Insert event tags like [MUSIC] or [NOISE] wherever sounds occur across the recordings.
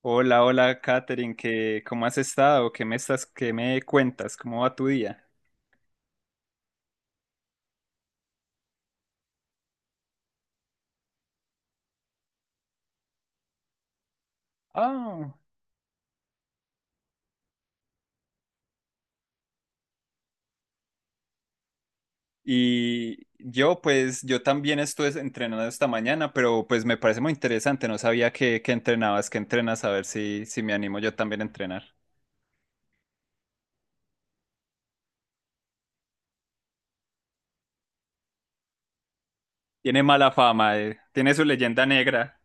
Hola, hola, Katherine, ¿cómo has estado? ¿Qué qué me cuentas? ¿Cómo va tu día? Ah, y yo pues, yo también estuve entrenando esta mañana, pero pues me parece muy interesante, no sabía que entrenabas, que entrenas, a ver si me animo yo también a entrenar. Tiene mala fama, tiene su leyenda negra.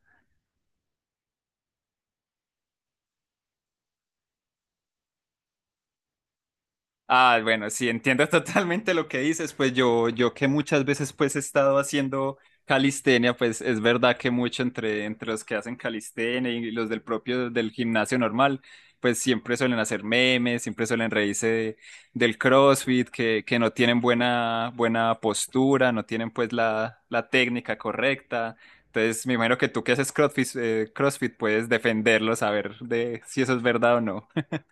Bueno, sí, entiendo [LAUGHS] totalmente lo que dices, pues yo que muchas veces pues he estado haciendo calistenia, pues es verdad que mucho entre los que hacen calistenia y los del propio del gimnasio normal, pues siempre suelen hacer memes, siempre suelen del CrossFit, que no tienen buena postura, no tienen pues la técnica correcta. Entonces, me imagino que tú que haces CrossFit, CrossFit puedes defenderlo, saber de si eso es verdad o no. [LAUGHS]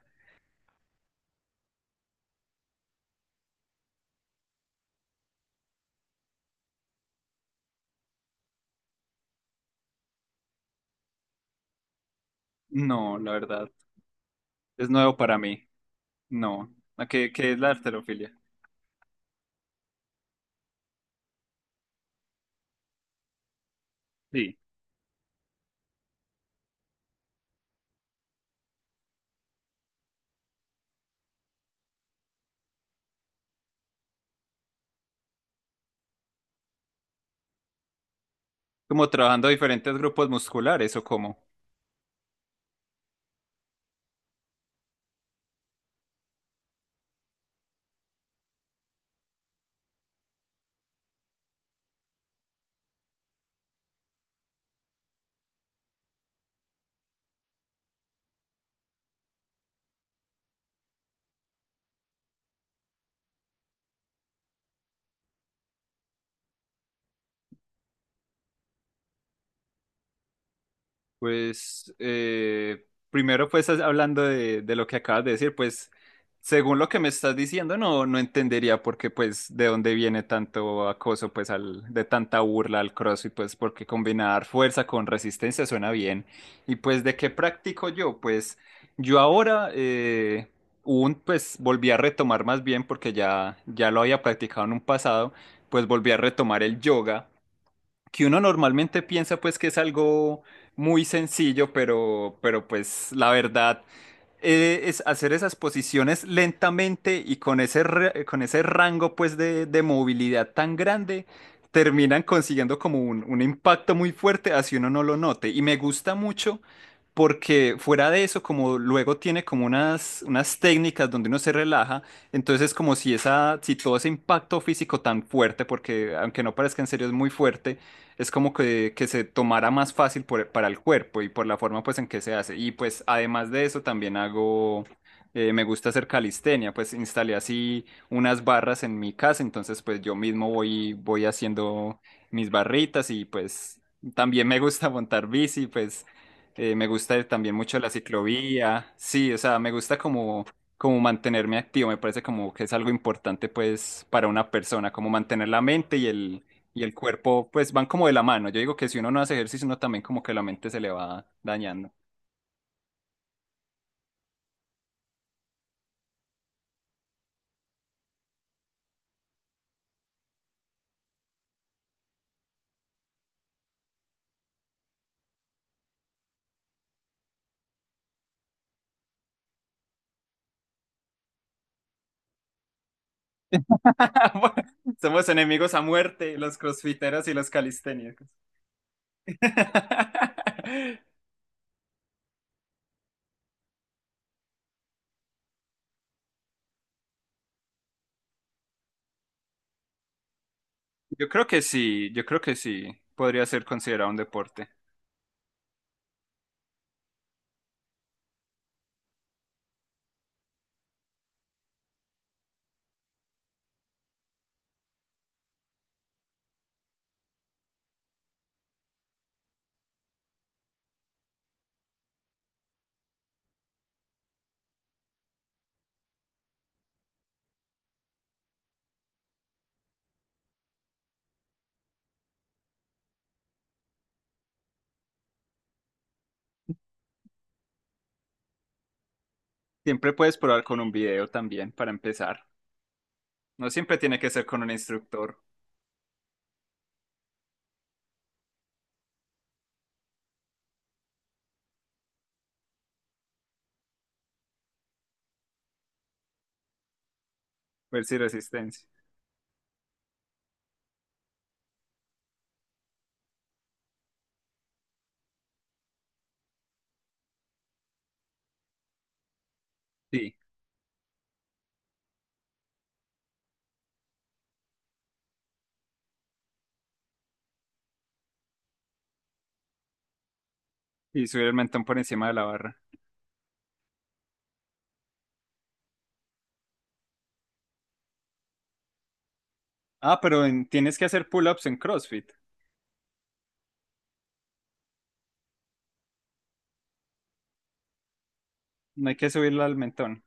No, la verdad. Es nuevo para mí. No. ¿A ¿Qué, qué es la arterofilia? Sí. ¿Como trabajando diferentes grupos musculares o cómo? Pues primero pues hablando de lo que acabas de decir, pues según lo que me estás diciendo no, no entendería por qué pues de dónde viene tanto acoso pues al, de tanta burla al CrossFit, pues porque combinar fuerza con resistencia suena bien, y pues de qué practico yo, pues yo ahora un pues volví a retomar más bien porque ya lo había practicado en un pasado, pues volví a retomar el yoga, que uno normalmente piensa pues que es algo muy sencillo, pero pues la verdad es hacer esas posiciones lentamente y con con ese rango pues de movilidad tan grande, terminan consiguiendo como un impacto muy fuerte, así uno no lo note. Y me gusta mucho porque fuera de eso, como luego tiene como unas técnicas donde uno se relaja, entonces es como si todo ese impacto físico tan fuerte, porque aunque no parezca en serio es muy fuerte, es como que se tomara más fácil para el cuerpo y por la forma pues en que se hace. Y pues además de eso también hago, me gusta hacer calistenia, pues instalé así unas barras en mi casa, entonces pues yo mismo voy haciendo mis barritas y pues también me gusta [LAUGHS] montar bici, pues me gusta también mucho la ciclovía, sí, o sea, me gusta como... como mantenerme activo, me parece como que es algo importante pues para una persona, como mantener la mente y el cuerpo, pues van como de la mano. Yo digo que si uno no hace ejercicio, uno también como que la mente se le va dañando. [LAUGHS] Somos enemigos a muerte, los crossfiteros y los calisténicos. [LAUGHS] Yo creo que sí, yo creo que sí, podría ser considerado un deporte. Siempre puedes probar con un video también para empezar. No siempre tiene que ser con un instructor, ver si resistencia. Sí, y subir el mentón por encima de la barra. Ah, pero tienes que hacer pull-ups en CrossFit. No hay que subirlo al mentón.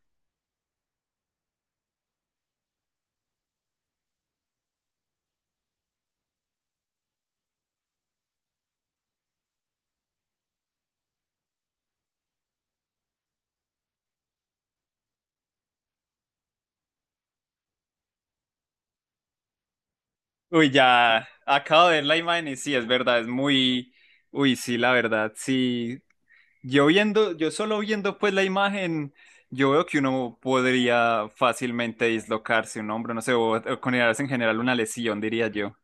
Uy, ya acabo de ver la imagen y sí, es verdad, uy, sí, la verdad, sí. Yo solo viendo pues la imagen, yo veo que uno podría fácilmente dislocarse un hombro, no sé, o considerarse en general una lesión, diría yo.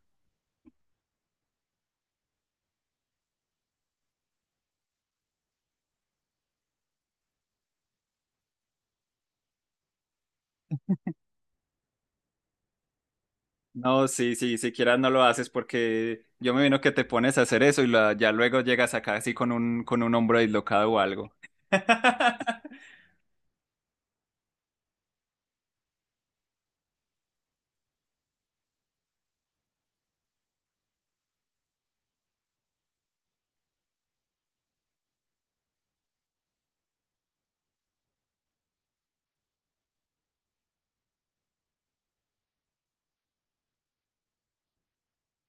No, sí, siquiera no lo haces porque yo me vino que te pones a hacer eso ya luego llegas acá así con con un hombro dislocado o algo. [LAUGHS]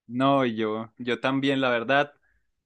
No, yo también, la verdad,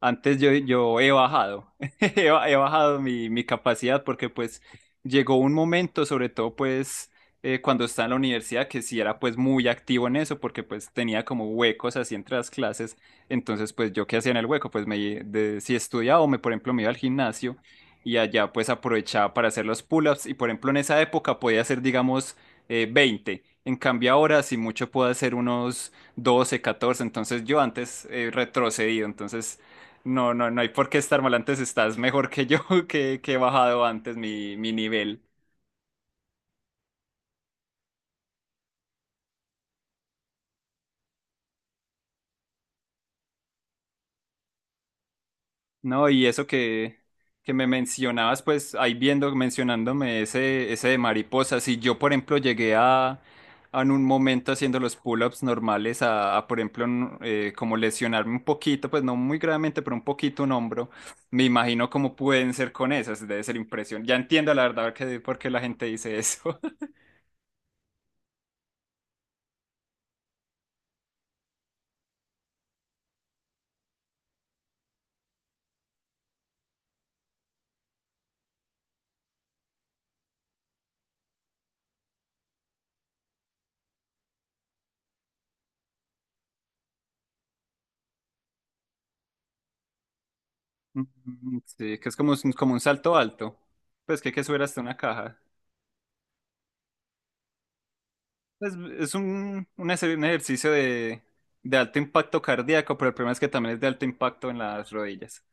antes [LAUGHS] he bajado mi capacidad porque pues llegó un momento, sobre todo pues cuando estaba en la universidad, que sí era pues muy activo en eso porque pues tenía como huecos así entre las clases, entonces pues yo qué hacía en el hueco, si estudiaba o me, por ejemplo, me iba al gimnasio y allá pues aprovechaba para hacer los pull-ups, y por ejemplo en esa época podía hacer digamos 20, en cambio ahora si mucho puedo hacer unos doce, catorce, entonces yo antes he retrocedido, entonces no hay por qué estar mal, antes estás mejor que yo, [LAUGHS] que he bajado antes mi nivel. No, y eso que me mencionabas, pues ahí viendo, mencionándome ese de mariposas, si yo, por ejemplo, a en un momento haciendo los pull-ups normales, por ejemplo, como lesionarme un poquito, pues no muy gravemente, pero un poquito un hombro, me imagino cómo pueden ser con esas, debe ser impresión. Ya entiendo la verdad por qué la gente dice eso. [LAUGHS] Mm, sí, que es como, como un salto alto, pues que hay que subir hasta una caja. Es un, un ejercicio de alto impacto cardíaco, pero el problema es que también es de alto impacto en las rodillas.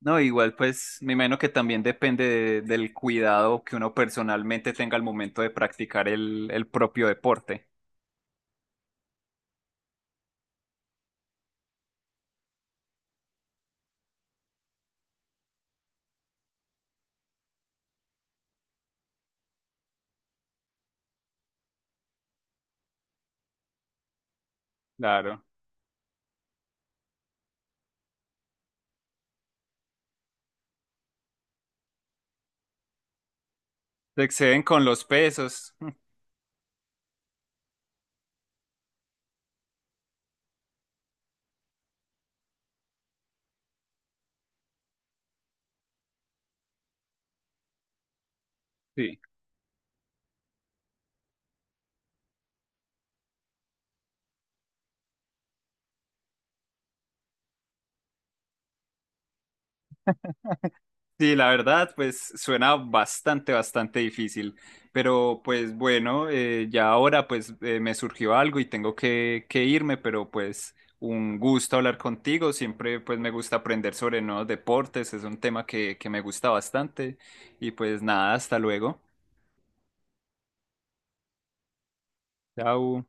No, igual pues me imagino que también depende del cuidado que uno personalmente tenga al momento de practicar el propio deporte. Claro. Se exceden con los pesos. Sí. Sí, la verdad, pues suena bastante, bastante difícil, pero pues bueno, ya ahora pues me surgió algo y tengo que irme, pero pues un gusto hablar contigo, siempre pues me gusta aprender sobre nuevos deportes, es un tema que me gusta bastante y pues nada, hasta luego. Chao.